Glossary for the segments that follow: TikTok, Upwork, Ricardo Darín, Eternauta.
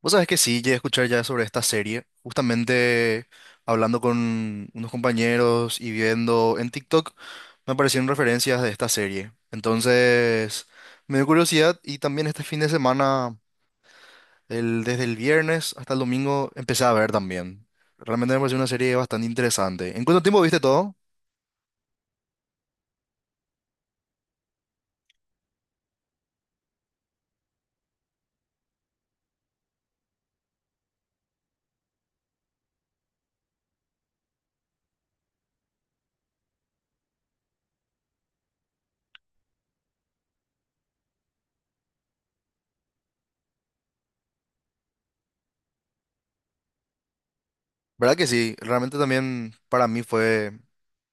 Vos sabés que sí, llegué a escuchar ya sobre esta serie, justamente hablando con unos compañeros y viendo en TikTok, me aparecieron referencias de esta serie. Entonces, me dio curiosidad y también este fin de semana, desde el viernes hasta el domingo, empecé a ver también. Realmente me pareció una serie bastante interesante. ¿En cuánto tiempo viste todo? ¿Verdad que sí? Realmente también para mí fue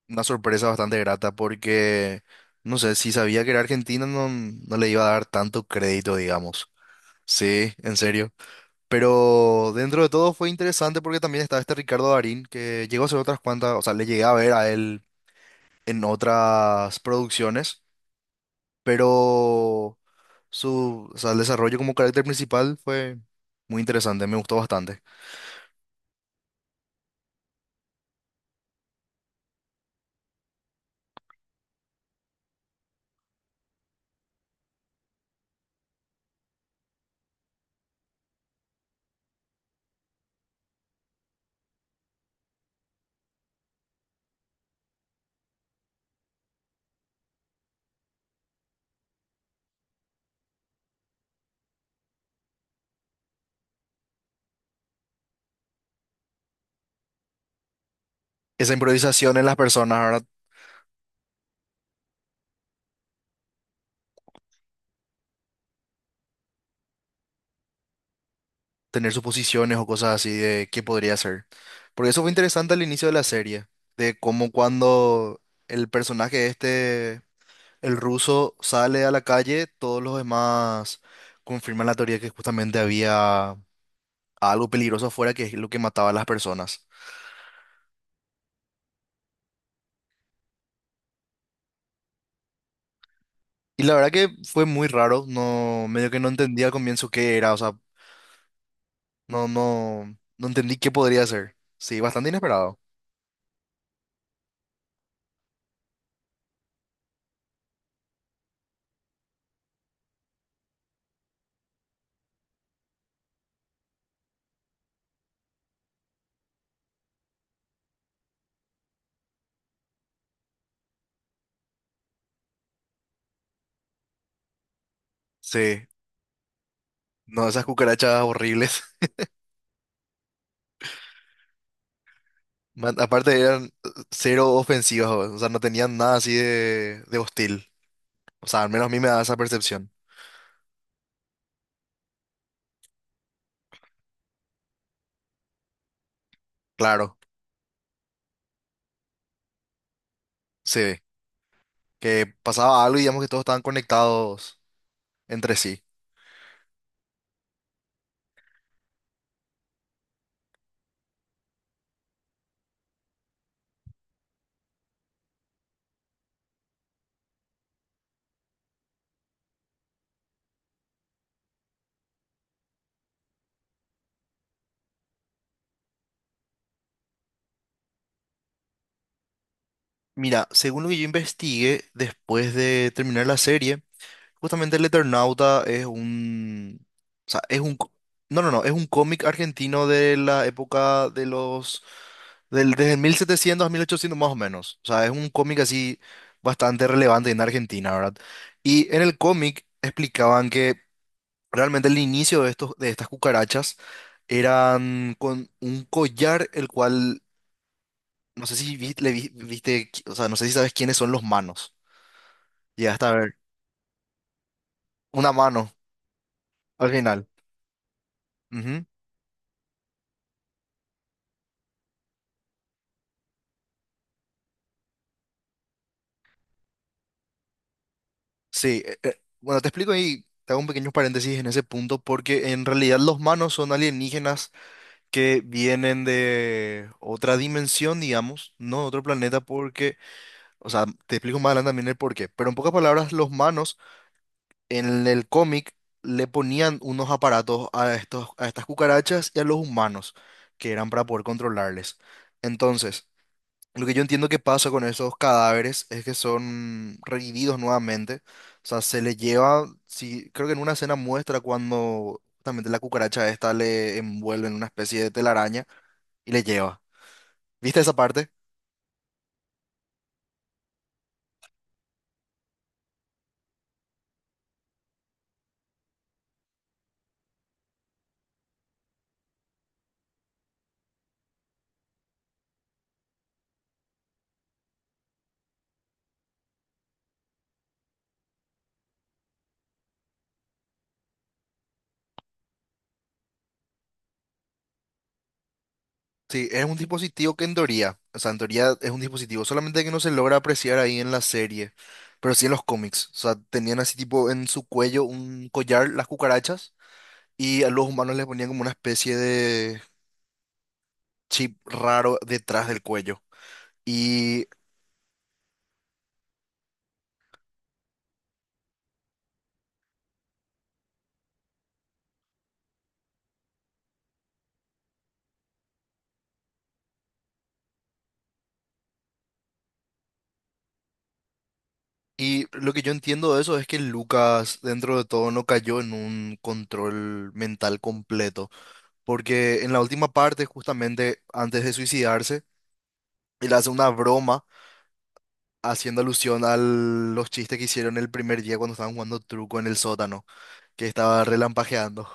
una sorpresa bastante grata porque, no sé, si sabía que era Argentina no, no le iba a dar tanto crédito, digamos. Sí, en serio. Pero dentro de todo fue interesante porque también estaba este Ricardo Darín, que llegó a hacer otras cuantas, o sea, le llegué a ver a él en otras producciones, pero su, o sea, el desarrollo como carácter principal fue muy interesante, me gustó bastante. Esa improvisación en las personas, ahora tener suposiciones o cosas así de qué podría ser. Porque eso fue interesante al inicio de la serie, de cómo cuando el personaje este... El ruso sale a la calle, todos los demás confirman la teoría que justamente había algo peligroso afuera que es lo que mataba a las personas. Y la verdad que fue muy raro, no, medio que no entendía al comienzo qué era, o sea, no, no, no entendí qué podría ser. Sí, bastante inesperado. Sí, no, esas cucarachas horribles. Aparte eran cero ofensivas, o sea, no tenían nada así de hostil. O sea, al menos a mí me da esa percepción. Claro, sí. Que pasaba algo y digamos que todos estaban conectados entre sí. Mira, según lo que yo investigué después de terminar la serie, justamente el Eternauta es un... O sea, es un... No, no, no, es un cómic argentino de la época de los... Del, desde el 1700 a 1800 más o menos. O sea, es un cómic así bastante relevante en Argentina, ¿verdad? Y en el cómic explicaban que realmente el inicio de estos, de estas cucarachas eran con un collar, el cual, no sé si viste, o sea, no sé si sabes quiénes son los manos. Llegaste a ver una mano al final. Ujú. Sí, bueno, te explico ahí, te hago un pequeño paréntesis en ese punto, porque en realidad los manos son alienígenas que vienen de otra dimensión, digamos, no de otro planeta, porque, o sea, te explico más adelante también el porqué, pero en pocas palabras, los manos en el cómic le ponían unos aparatos a estos, a estas cucarachas y a los humanos, que eran para poder controlarles. Entonces, lo que yo entiendo que pasa con esos cadáveres es que son revividos nuevamente. O sea, se les lleva, sí, creo que en una escena muestra cuando justamente la cucaracha esta le envuelve en una especie de telaraña y le lleva. ¿Viste esa parte? Sí, es un dispositivo que en teoría, o sea, en teoría es un dispositivo, solamente que no se logra apreciar ahí en la serie, pero sí en los cómics. O sea, tenían así tipo en su cuello un collar, las cucarachas, y a los humanos les ponían como una especie de chip raro detrás del cuello. Y, y lo que yo entiendo de eso es que Lucas, dentro de todo, no cayó en un control mental completo, porque en la última parte, justamente antes de suicidarse, él hace una broma haciendo alusión a los chistes que hicieron el primer día cuando estaban jugando truco en el sótano, que estaba relampagueando.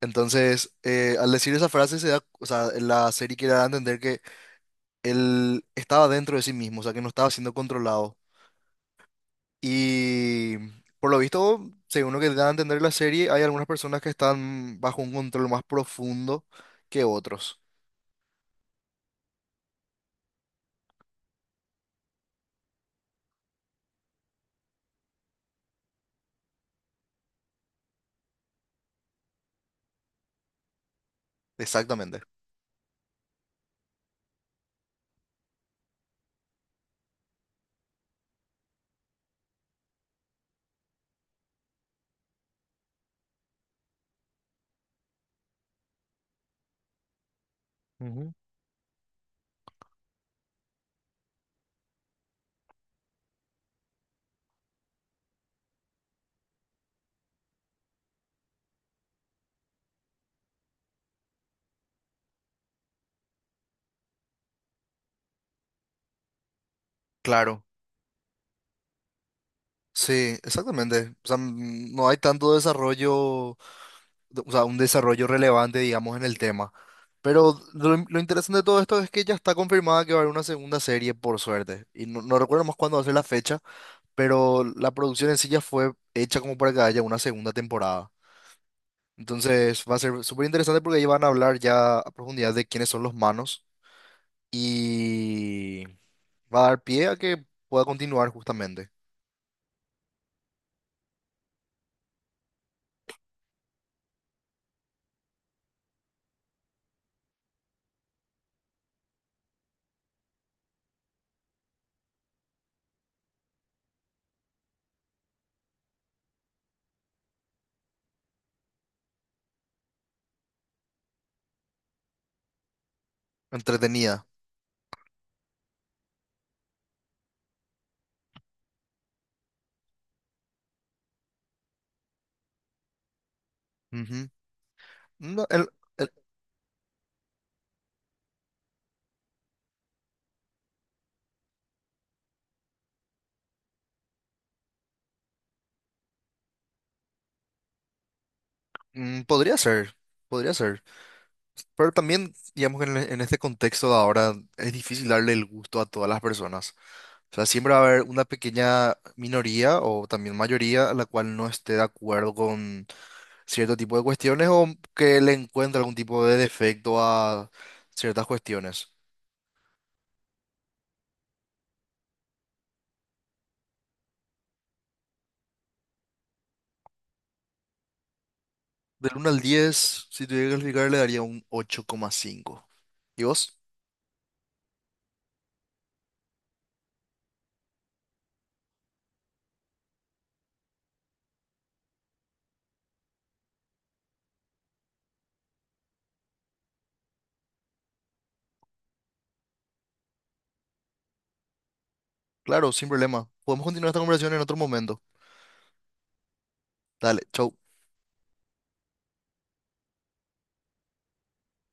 Entonces, al decir esa frase, se da, o sea, la serie quiere dar a entender que él estaba dentro de sí mismo, o sea, que no estaba siendo controlado. Y por lo visto, según lo que da a entender la serie, hay algunas personas que están bajo un control más profundo que otros. Exactamente. Ujú. Claro, sí, exactamente. O sea, no hay tanto desarrollo, o sea, un desarrollo relevante, digamos, en el tema. Pero lo interesante de todo esto es que ya está confirmada que va a haber una segunda serie, por suerte. Y no, no recuerdo más cuándo va a ser la fecha, pero la producción en sí ya fue hecha como para que haya una segunda temporada. Entonces va a ser súper interesante porque ahí van a hablar ya a profundidad de quiénes son los manos y va a dar pie a que pueda continuar justamente. Entretenida. Ujú. No, el- podría ser, podría ser. Pero también, digamos en este contexto de ahora es difícil darle el gusto a todas las personas. O sea, siempre va a haber una pequeña minoría o también mayoría a la cual no esté de acuerdo con cierto tipo de cuestiones o que le encuentre algún tipo de defecto a ciertas cuestiones. Del 1 al 10 si tuviera que calificar, le daría un 8,5. ¿Y vos? Claro, sin problema. Podemos continuar esta conversación en otro momento. Dale, chau.